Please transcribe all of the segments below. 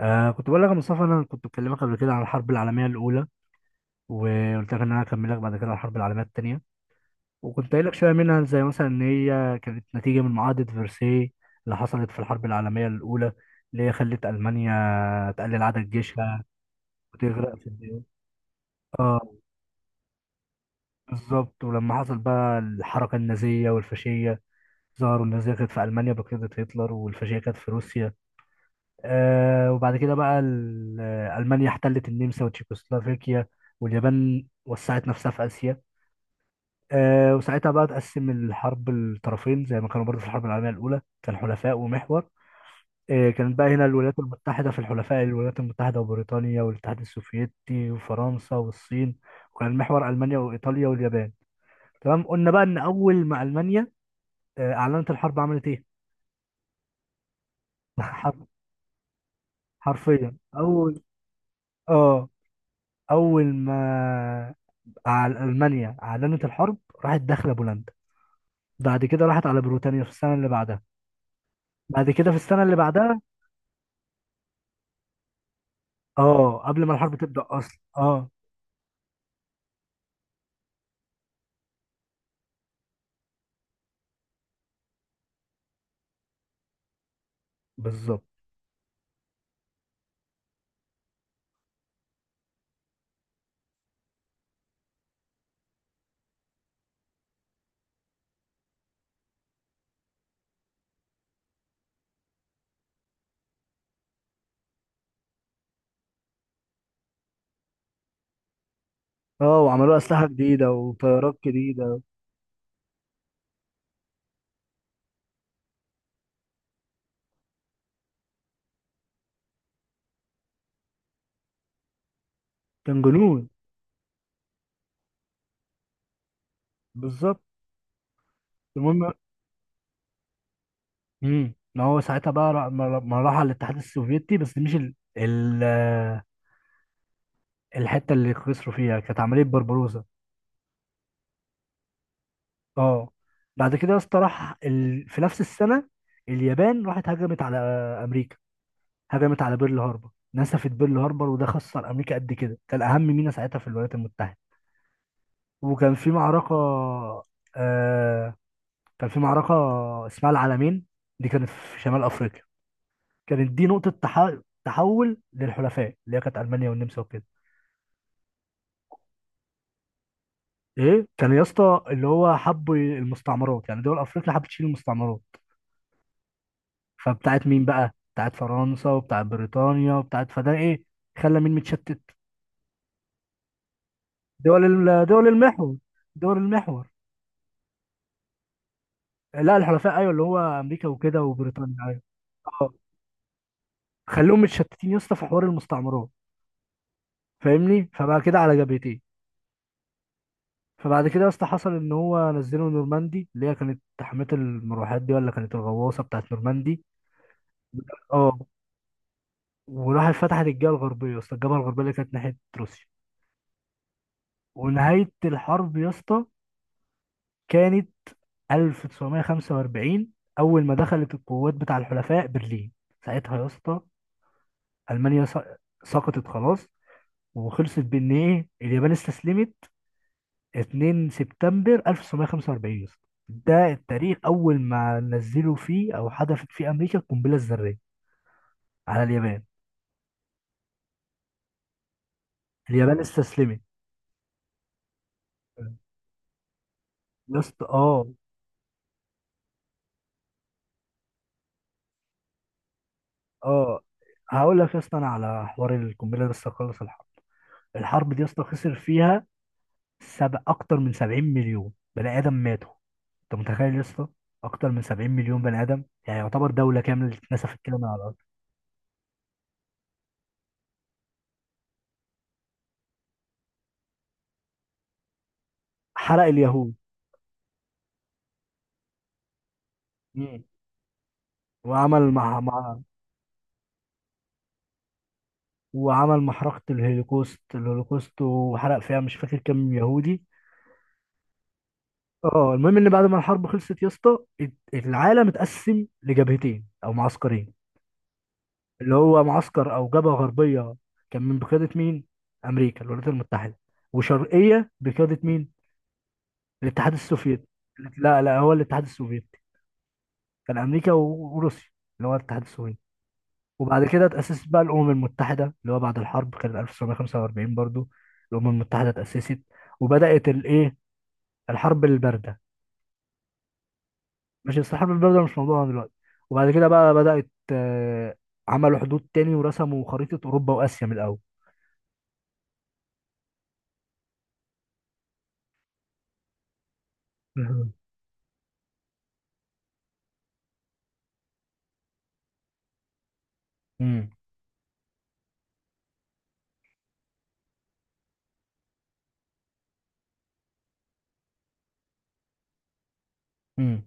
كنت بقول لك يا مصطفى، انا كنت بكلمك قبل كده عن الحرب العالميه الاولى، وقلت لك ان انا هكملك بعد كده عن الحرب العالميه الثانيه. وكنت قايل لك شويه منها، زي مثلا ان هي كانت نتيجه من معاهده فرساي اللي حصلت في الحرب العالميه الاولى، اللي هي خلت المانيا تقلل عدد جيشها وتغرق في الديون. اه، بالظبط. ولما حصل بقى الحركه النازيه والفاشيه ظهروا، النازيه كانت في المانيا بقياده هتلر، والفاشيه كانت في روسيا. وبعد كده بقى ألمانيا احتلت النمسا وتشيكوسلوفاكيا، واليابان وسعت نفسها في آسيا. وساعتها بقى تقسم الحرب الطرفين، زي ما كانوا برضه في الحرب العالمية الأولى، كان حلفاء ومحور. كانت بقى هنا الولايات المتحدة في الحلفاء، الولايات المتحدة وبريطانيا والاتحاد السوفيتي وفرنسا والصين. وكان المحور ألمانيا وإيطاليا واليابان. تمام، قلنا بقى إن أول ما ألمانيا أعلنت الحرب، عملت إيه؟ حرف حرفيا، آه أول ما على ألمانيا أعلنت الحرب، راحت داخلة بولندا. بعد كده راحت على بريطانيا في السنة اللي بعدها. بعد كده في السنة اللي بعدها. اه، قبل ما الحرب تبدأ أصلا. اه، بالظبط. اه، وعملوا أسلحة جديدة وطيارات جديدة. كان جنون. بالظبط. المهم، ما هو ساعتها بقى ما راح على الاتحاد السوفيتي، بس مش ال... ال... آه، الحتة اللي خسروا فيها، كانت عملية بربروسا. اه، بعد كده يا اسطى راح في نفس السنة، اليابان راحت هجمت على أمريكا، هجمت على بيرل هاربر، نسفت بيرل هاربر. وده خسر امريكا قد كده، كان اهم ميناء ساعتها في الولايات المتحده. وكان في معركه آه كان في معركه اسمها العلمين، دي كانت في شمال افريقيا. كانت دي نقطه تحول للحلفاء، اللي هي كانت المانيا والنمسا وكده. ايه، كان يا اسطى اللي هو حب المستعمرات، يعني دول افريقيا حبت تشيل المستعمرات. فبتاعت مين بقى؟ بتاعت فرنسا وبتاعت بريطانيا وبتاعت، فده ايه، خلى مين متشتت؟ دول المحور، دول المحور. لا، الحلفاء. ايوه، اللي هو امريكا وكده وبريطانيا. ايوه، خلوهم متشتتين يا اسطى في حوار المستعمرات، فاهمني؟ فبقى كده على جبهتين. فبعد كده يا اسطى، حصل ان هو نزلوا نورماندي، اللي هي كانت حماة المروحات دي، ولا كانت الغواصه بتاعت نورماندي. اه، وراحت فتحت الجبهه الغربيه يا اسطى، الجبهه الغربيه اللي كانت ناحيه روسيا. ونهايه الحرب يا اسطى كانت 1945، اول ما دخلت القوات بتاع الحلفاء برلين. ساعتها يا اسطى المانيا سقطت خلاص، وخلصت بان ايه اليابان استسلمت. 2 سبتمبر 1945 يا اسطى، ده التاريخ اول ما نزلوا فيه او حدثت فيه امريكا القنبله الذريه على اليابان. اليابان استسلمت يا اسطى. اه، اه، هقول لك يا اسطى انا على حوار القنبله ده لسه، خلص الحرب. الحرب دي يا اسطى خسر فيها اكتر من 70 مليون بني ادم ماتوا. انت متخيل يا اسطى؟ اكتر من 70 مليون بني ادم، يعني يعتبر دوله كامله اتنسفت كده من على الارض. حرق اليهود. مم. وعمل مع مع وعمل محرقة الهولوكوست، الهولوكوست، وحرق فيها مش فاكر كام يهودي. اه، المهم ان بعد ما الحرب خلصت يا اسطى، العالم اتقسم لجبهتين او معسكرين، اللي هو معسكر او جبهة غربية كان من بقيادة مين؟ امريكا، الولايات المتحدة. وشرقية بقيادة مين؟ الاتحاد السوفيتي. لا، لا، هو الاتحاد السوفيتي، كان امريكا وروسيا، اللي هو الاتحاد السوفيتي. وبعد كده اتأسست بقى الأمم المتحدة، اللي هو بعد الحرب كان 1945 برضو الأمم المتحدة اتأسست. وبدأت الايه؟ الحرب البارده. ماشي، بس الحرب البارده مش موضوعنا دلوقتي. وبعد كده بقى بدات، عملوا حدود تاني ورسموا خريطه اوروبا واسيا من الاول. مهم. امم امم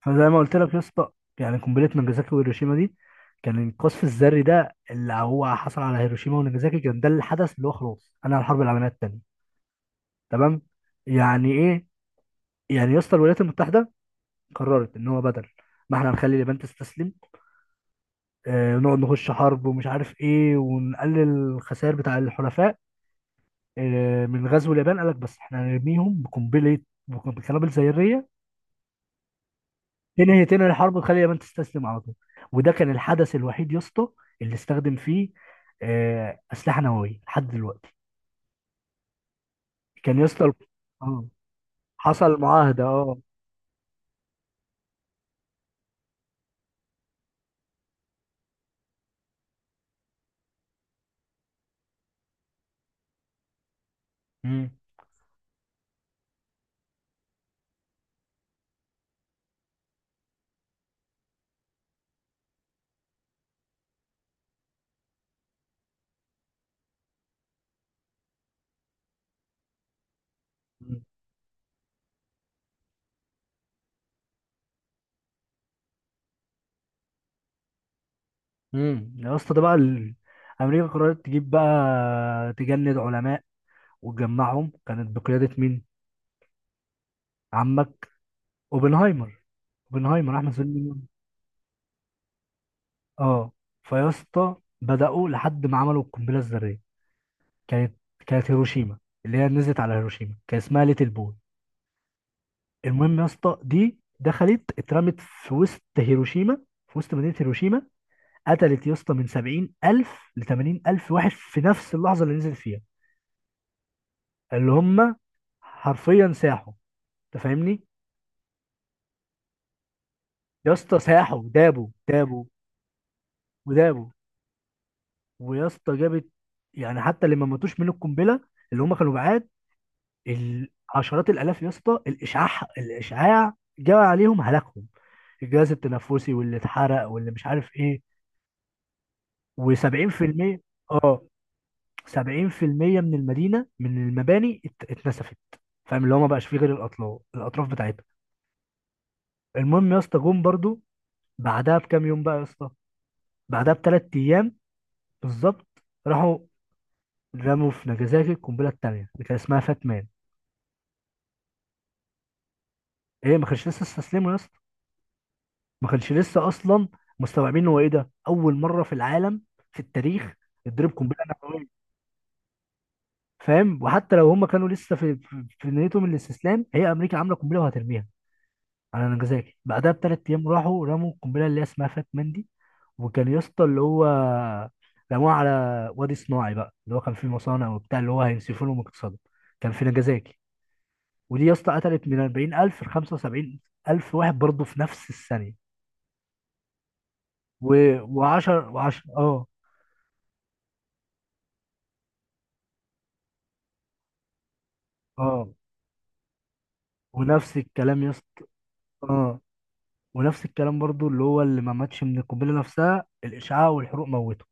فزي ما قلت لك يا اسطى، يعني قنبله ناجازاكي وهيروشيما دي، كان القصف الذري ده اللي هو حصل على هيروشيما وناجازاكي، كان ده الحدث اللي هو خلاص انا الحرب العالميه الثانيه. تمام. يعني ايه؟ يعني يا اسطى، الولايات المتحده قررت ان هو بدل ما احنا نخلي اليابان تستسلم، نقعد نخش حرب ومش عارف ايه، ونقلل الخسائر بتاع الحلفاء من غزو اليابان، قال لك بس احنا هنرميهم بقنبله، بقنابل ذريه. تنهي الحرب، وتخلي اليابان تستسلم على طول. وده كان الحدث الوحيد يا اسطى اللي استخدم فيه اسلحه نوويه لحد دلوقتي. كان يا اسطى آه، حصل معاهده. اه. مم. يا اسطى ده بقى امريكا قررت تجيب بقى، تجند علماء وتجمعهم. كانت بقياده مين؟ عمك اوبنهايمر. اوبنهايمر احمد زويل. اه، فيا اسطى بدأوا لحد ما عملوا القنبلة الذرية. كانت كانت هيروشيما، اللي هي نزلت على هيروشيما كان اسمها ليتل بوي. المهم يا اسطى دي دخلت اترمت في وسط هيروشيما، في وسط مدينة هيروشيما. قتلت يا اسطى من 70 ألف ل 80 ألف واحد في نفس اللحظة اللي نزلت فيها، اللي هم حرفيا ساحوا، انت فاهمني؟ يا اسطى ساحوا، دابوا، دابوا، ودابوا. ويا اسطى جابت، يعني حتى اللي ما ماتوش من القنبلة، اللي هم كانوا بعاد، ال- عشرات الالاف يا اسطى. الاشعاع، الاشعاع جاء عليهم هلاكهم، الجهاز التنفسي، واللي اتحرق، واللي مش عارف ايه. و70%. اه، 70% من المدينه، من المباني اتنسفت. فاهم اللي هو ما بقاش فيه غير الاطراف بتاعتها. المهم يا اسطى جم برضو بعدها بكام يوم بقى يا اسطى، بعدها بثلاث ايام بالظبط، راحوا رموا في ناجازاكي القنبله الثانيه، اللي كان اسمها فاتمان. ايه، ما كانش لسه استسلموا يا اسطى، ما كانش لسه اصلا مستوعبين هو ايه ده. اول مره في العالم، في التاريخ، تضرب قنبله نوويه. فاهم؟ وحتى لو هم كانوا لسه في نيتهم الاستسلام، هي امريكا عامله قنبله وهترميها على نجازاكي، بعدها بثلاث ايام راحوا رموا القنبله اللي هي اسمها فات مندي. وكان يا اسطى اللي هو رموها على وادي صناعي بقى، اللي هو كان فيه مصانع وبتاع، اللي هو هينسفوا لهم اقتصادهم، كان في نجازاكي. ودي يا اسطى قتلت من 40,000 ل 75,000 واحد برضه في نفس الثانيه. و10، و10. اه. اه، ونفس الكلام يا اسطى. اه، ونفس الكلام برضو، اللي هو اللي ما ماتش من القنبله نفسها، الاشعاع والحروق موته.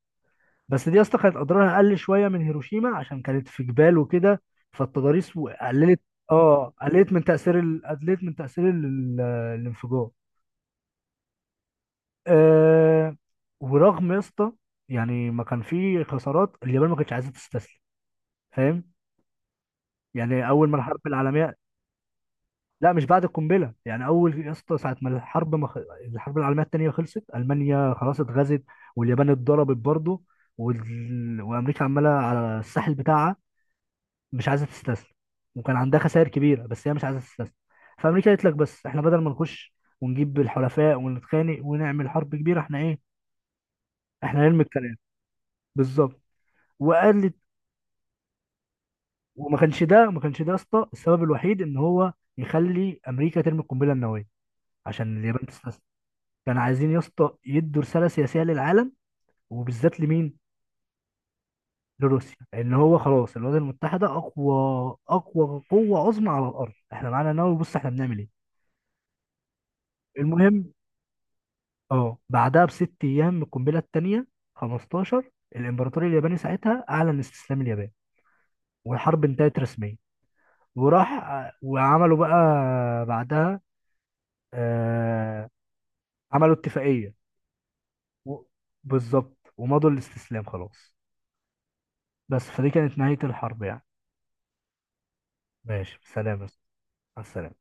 بس دي يا اسطى كانت اضرارها اقل شويه من هيروشيما، عشان كانت في جبال وكده، فالتضاريس قللت من تاثير الانفجار. آه ورغم يا اسطى، يعني ما كان في خسارات، اليابان ما كانتش عايزه تستسلم، فاهم؟ يعني اول ما الحرب العالميه، لا، مش بعد القنبله، يعني اول يا اسطى، ساعه ما الحرب ما خ... الحرب العالميه الثانيه خلصت، المانيا خلاص اتغزت، واليابان اتضربت برضه، وامريكا عماله على الساحل بتاعها، مش عايزه تستسلم، وكان عندها خسائر كبيره، بس هي مش عايزه تستسلم. فامريكا قالت لك بس احنا بدل ما نخش ونجيب الحلفاء ونتخانق ونعمل حرب كبيره، احنا ايه، احنا نرمي الكلام. بالظبط. وقالت. وما كانش ده، ما كانش ده يا اسطى السبب الوحيد ان هو يخلي امريكا ترمي القنبله النوويه عشان اليابان تستسلم. كانوا عايزين يا اسطى يدوا رساله سياسيه للعالم، وبالذات لمين؟ لروسيا، ان هو خلاص الولايات المتحده اقوى، اقوى قوه عظمى على الارض، احنا معانا نووي، بص احنا بنعمل ايه. المهم، اه، بعدها بست ايام القنبله الثانيه، 15 الامبراطور الياباني ساعتها اعلن استسلام اليابان، والحرب انتهت رسميا. وراح وعملوا بقى بعدها، آه عملوا اتفاقيه، و- بالظبط، ومضوا الاستسلام خلاص. بس فدي كانت نهايه الحرب يعني. ماشي، سلام. السلام.